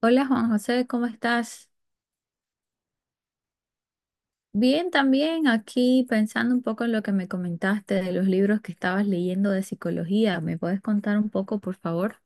Hola Juan José, ¿cómo estás? Bien, también aquí pensando un poco en lo que me comentaste de los libros que estabas leyendo de psicología. ¿Me puedes contar un poco, por favor?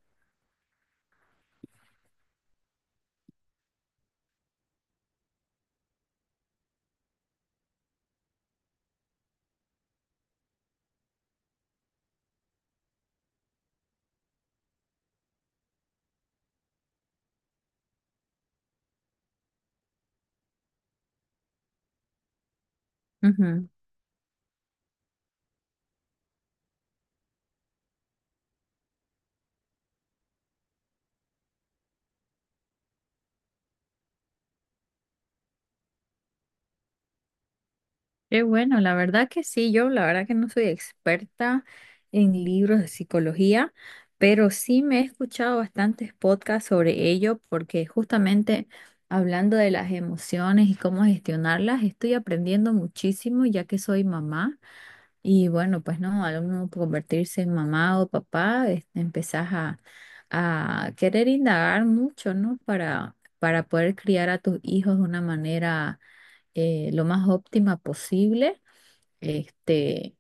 Qué bueno, la verdad que sí, yo la verdad que no soy experta en libros de psicología, pero sí me he escuchado bastantes podcasts sobre ello porque justamente hablando de las emociones y cómo gestionarlas, estoy aprendiendo muchísimo ya que soy mamá y bueno, pues no, al uno convertirse en mamá o papá, empezás a querer indagar mucho, ¿no? Para poder criar a tus hijos de una manera lo más óptima posible, este,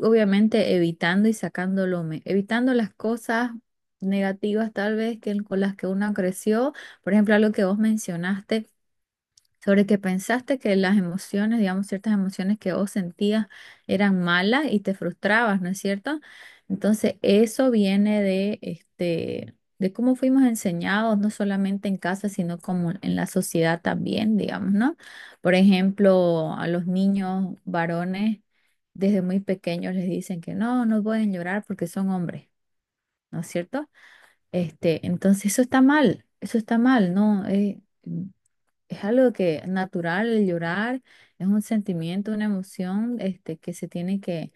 obviamente evitando y sacando evitando las cosas negativas tal vez con las que uno creció. Por ejemplo, algo que vos mencionaste sobre que pensaste que las emociones, digamos, ciertas emociones que vos sentías eran malas y te frustrabas, ¿no es cierto? Entonces, eso viene de de cómo fuimos enseñados, no solamente en casa, sino como en la sociedad también, digamos, ¿no? Por ejemplo, a los niños varones desde muy pequeños les dicen que no pueden llorar porque son hombres, ¿no es cierto? Entonces eso está mal, ¿no? Es algo que natural, el llorar es un sentimiento, una emoción que se tiene que,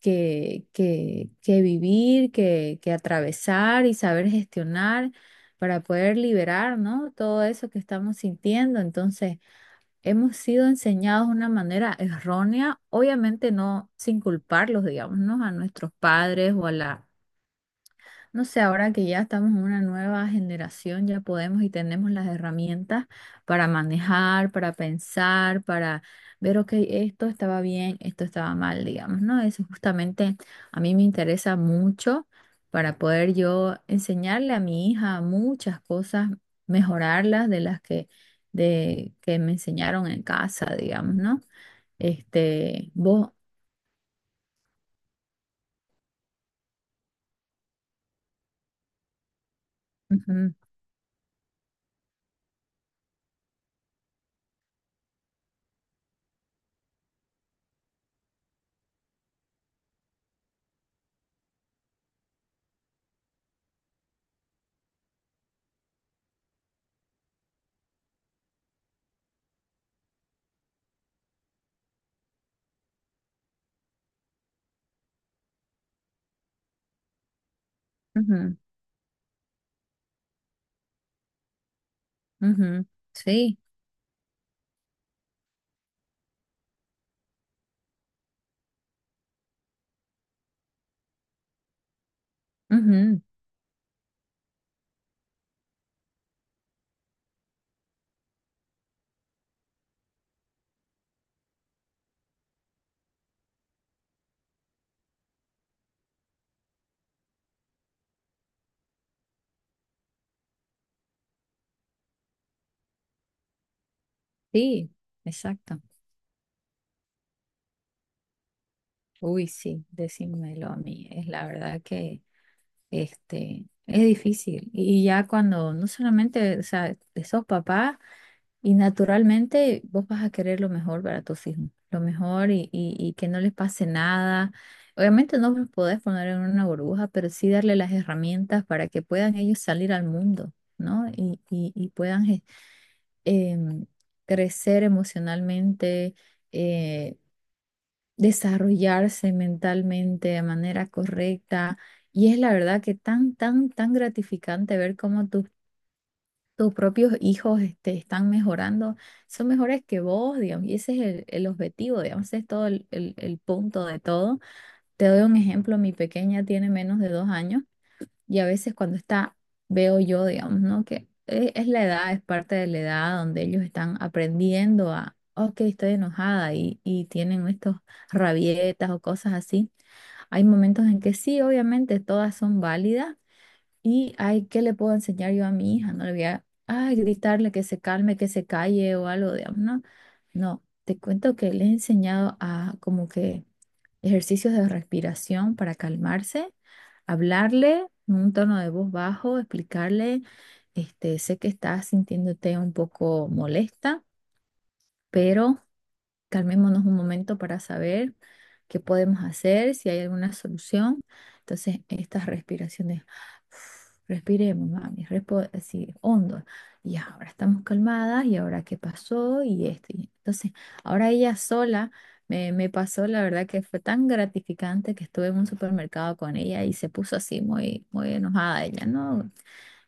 que, que, que vivir, que atravesar y saber gestionar para poder liberar, ¿no? Todo eso que estamos sintiendo. Entonces, hemos sido enseñados de una manera errónea, obviamente no sin culparlos, digamos, ¿no? A nuestros padres o a la no sé, ahora que ya estamos en una nueva generación, ya podemos y tenemos las herramientas para manejar, para pensar, para ver, ok, esto estaba bien, esto estaba mal, digamos, ¿no? Eso justamente a mí me interesa mucho para poder yo enseñarle a mi hija muchas cosas, mejorarlas de las que me enseñaron en casa, digamos, ¿no? Vos, ujú, ujú, ujú, sí, ujú, sí, exacto. Uy, sí, decímelo a mí. Es la verdad que este es difícil. Y ya cuando no solamente, o sea, sos papá y naturalmente vos vas a querer lo mejor para tus hijos, lo mejor y que no les pase nada. Obviamente no los podés poner en una burbuja, pero sí darle las herramientas para que puedan ellos salir al mundo, ¿no? Y puedan em, crecer emocionalmente eh, desarrollarse mentalmente de manera correcta. Y es la verdad que tan gratificante ver cómo tus, tus propios hijos están mejorando. Son mejores que vos, digamos, y ese es el objetivo, digamos, ese es todo el punto de todo. Te doy un ejemplo, mi pequeña tiene menos de dos años. Y a veces cuando está, veo yo, digamos, ¿no? Es la edad, es parte de la edad donde ellos están aprendiendo a, ok, estoy enojada y tienen estos rabietas o cosas así. Hay momentos en que sí, obviamente, todas son válidas y hay, ¿qué le puedo enseñar yo a mi hija? No le voy a, ay, gritarle que se calme, que se calle o algo, digamos, ¿no? No, te cuento que le he enseñado a como que ejercicios de respiración para calmarse, hablarle en un tono de voz bajo, explicarle, sé que estás sintiéndote un poco molesta, pero calmémonos un momento para saber qué podemos hacer, si hay alguna solución. Entonces, estas respiraciones, respiremos, mami, así hondo. Y ahora estamos calmadas y ahora qué pasó y esto. Entonces, ahora ella sola me pasó, la verdad que fue tan gratificante que estuve en un supermercado con ella y se puso así muy enojada ella, ¿no?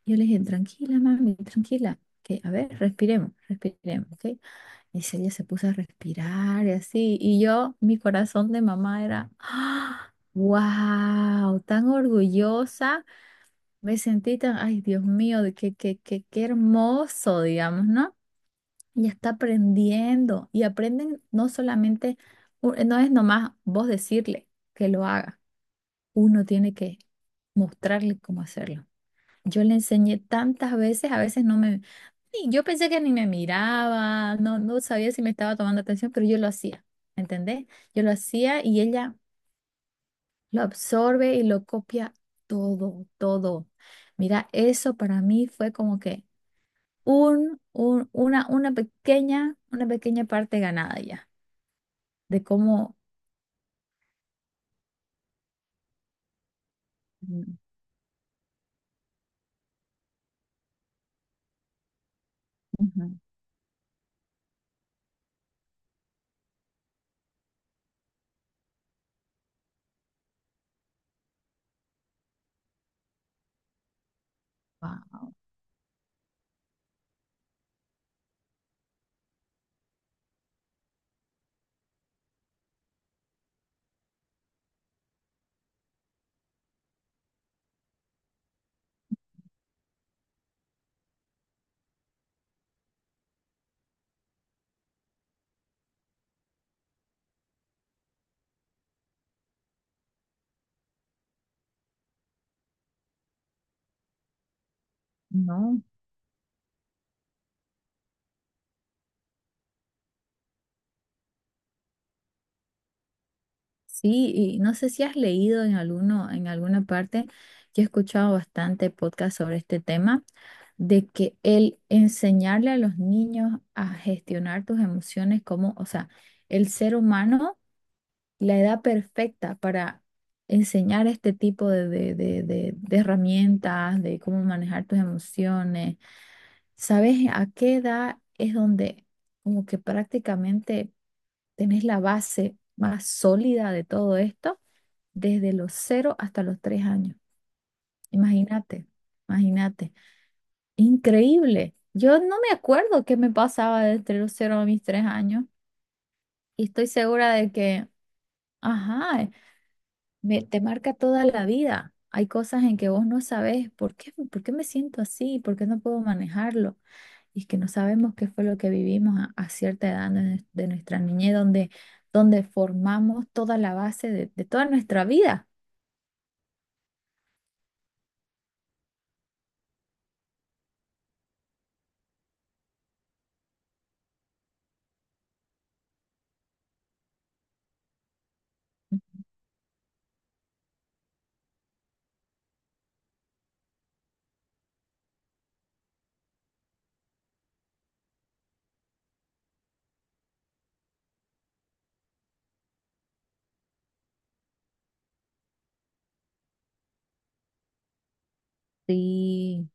Yo le dije, tranquila, mami, tranquila, que a ver, respiremos, respiremos, ¿ok? Y si ella se puso a respirar y así, y yo, mi corazón de mamá era, ¡ah! ¡Wow! Tan orgullosa, me sentí tan, ay, Dios mío, de qué hermoso, digamos, ¿no? Ella está aprendiendo y aprenden no solamente, no es nomás vos decirle que lo haga, uno tiene que mostrarle cómo hacerlo. Yo le enseñé tantas veces, a veces no me Sí, yo pensé que ni me miraba, no sabía si me estaba tomando atención, pero yo lo hacía, ¿entendés? Yo lo hacía y ella lo absorbe y lo copia todo, todo. Mira, eso para mí fue como que una pequeña parte ganada ya, de cómo... Wow, no. Sí, y no sé si has leído en alguno, en alguna parte, yo he escuchado bastante podcast sobre este tema, de que el enseñarle a los niños a gestionar tus emociones como, o sea, el ser humano, la edad perfecta para enseñar este tipo de herramientas, de cómo manejar tus emociones. ¿Sabes a qué edad es donde como que prácticamente tenés la base más sólida de todo esto? Desde los cero hasta los 3 años. Imagínate, imagínate. Increíble. Yo no me acuerdo qué me pasaba desde los cero a mis 3 años y estoy segura de que, ajá, te marca toda la vida. Hay cosas en que vos no sabés por qué me siento así, por qué no puedo manejarlo. Y es que no sabemos qué fue lo que vivimos a cierta edad de, de nuestra niñez, donde, donde formamos toda la base de toda nuestra vida. Sí,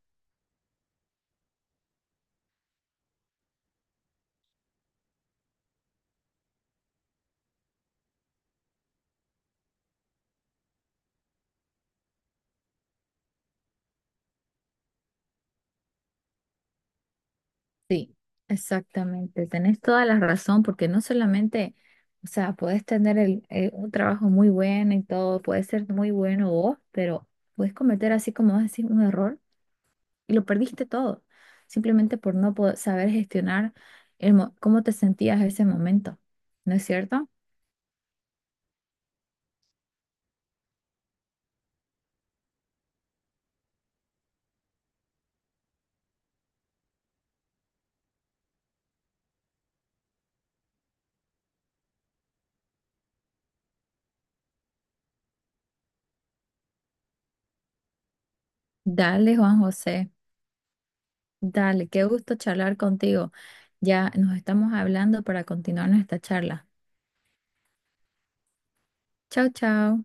sí, exactamente. Tenés toda la razón porque no solamente, o sea, podés tener un trabajo muy bueno y todo, puede ser muy bueno vos, pero puedes cometer así como vas a decir un error y lo perdiste todo, simplemente por no poder saber gestionar cómo te sentías en ese momento. ¿No es cierto? Dale, Juan José, dale, qué gusto charlar contigo. Ya nos estamos hablando para continuar nuestra charla. Chao, chao.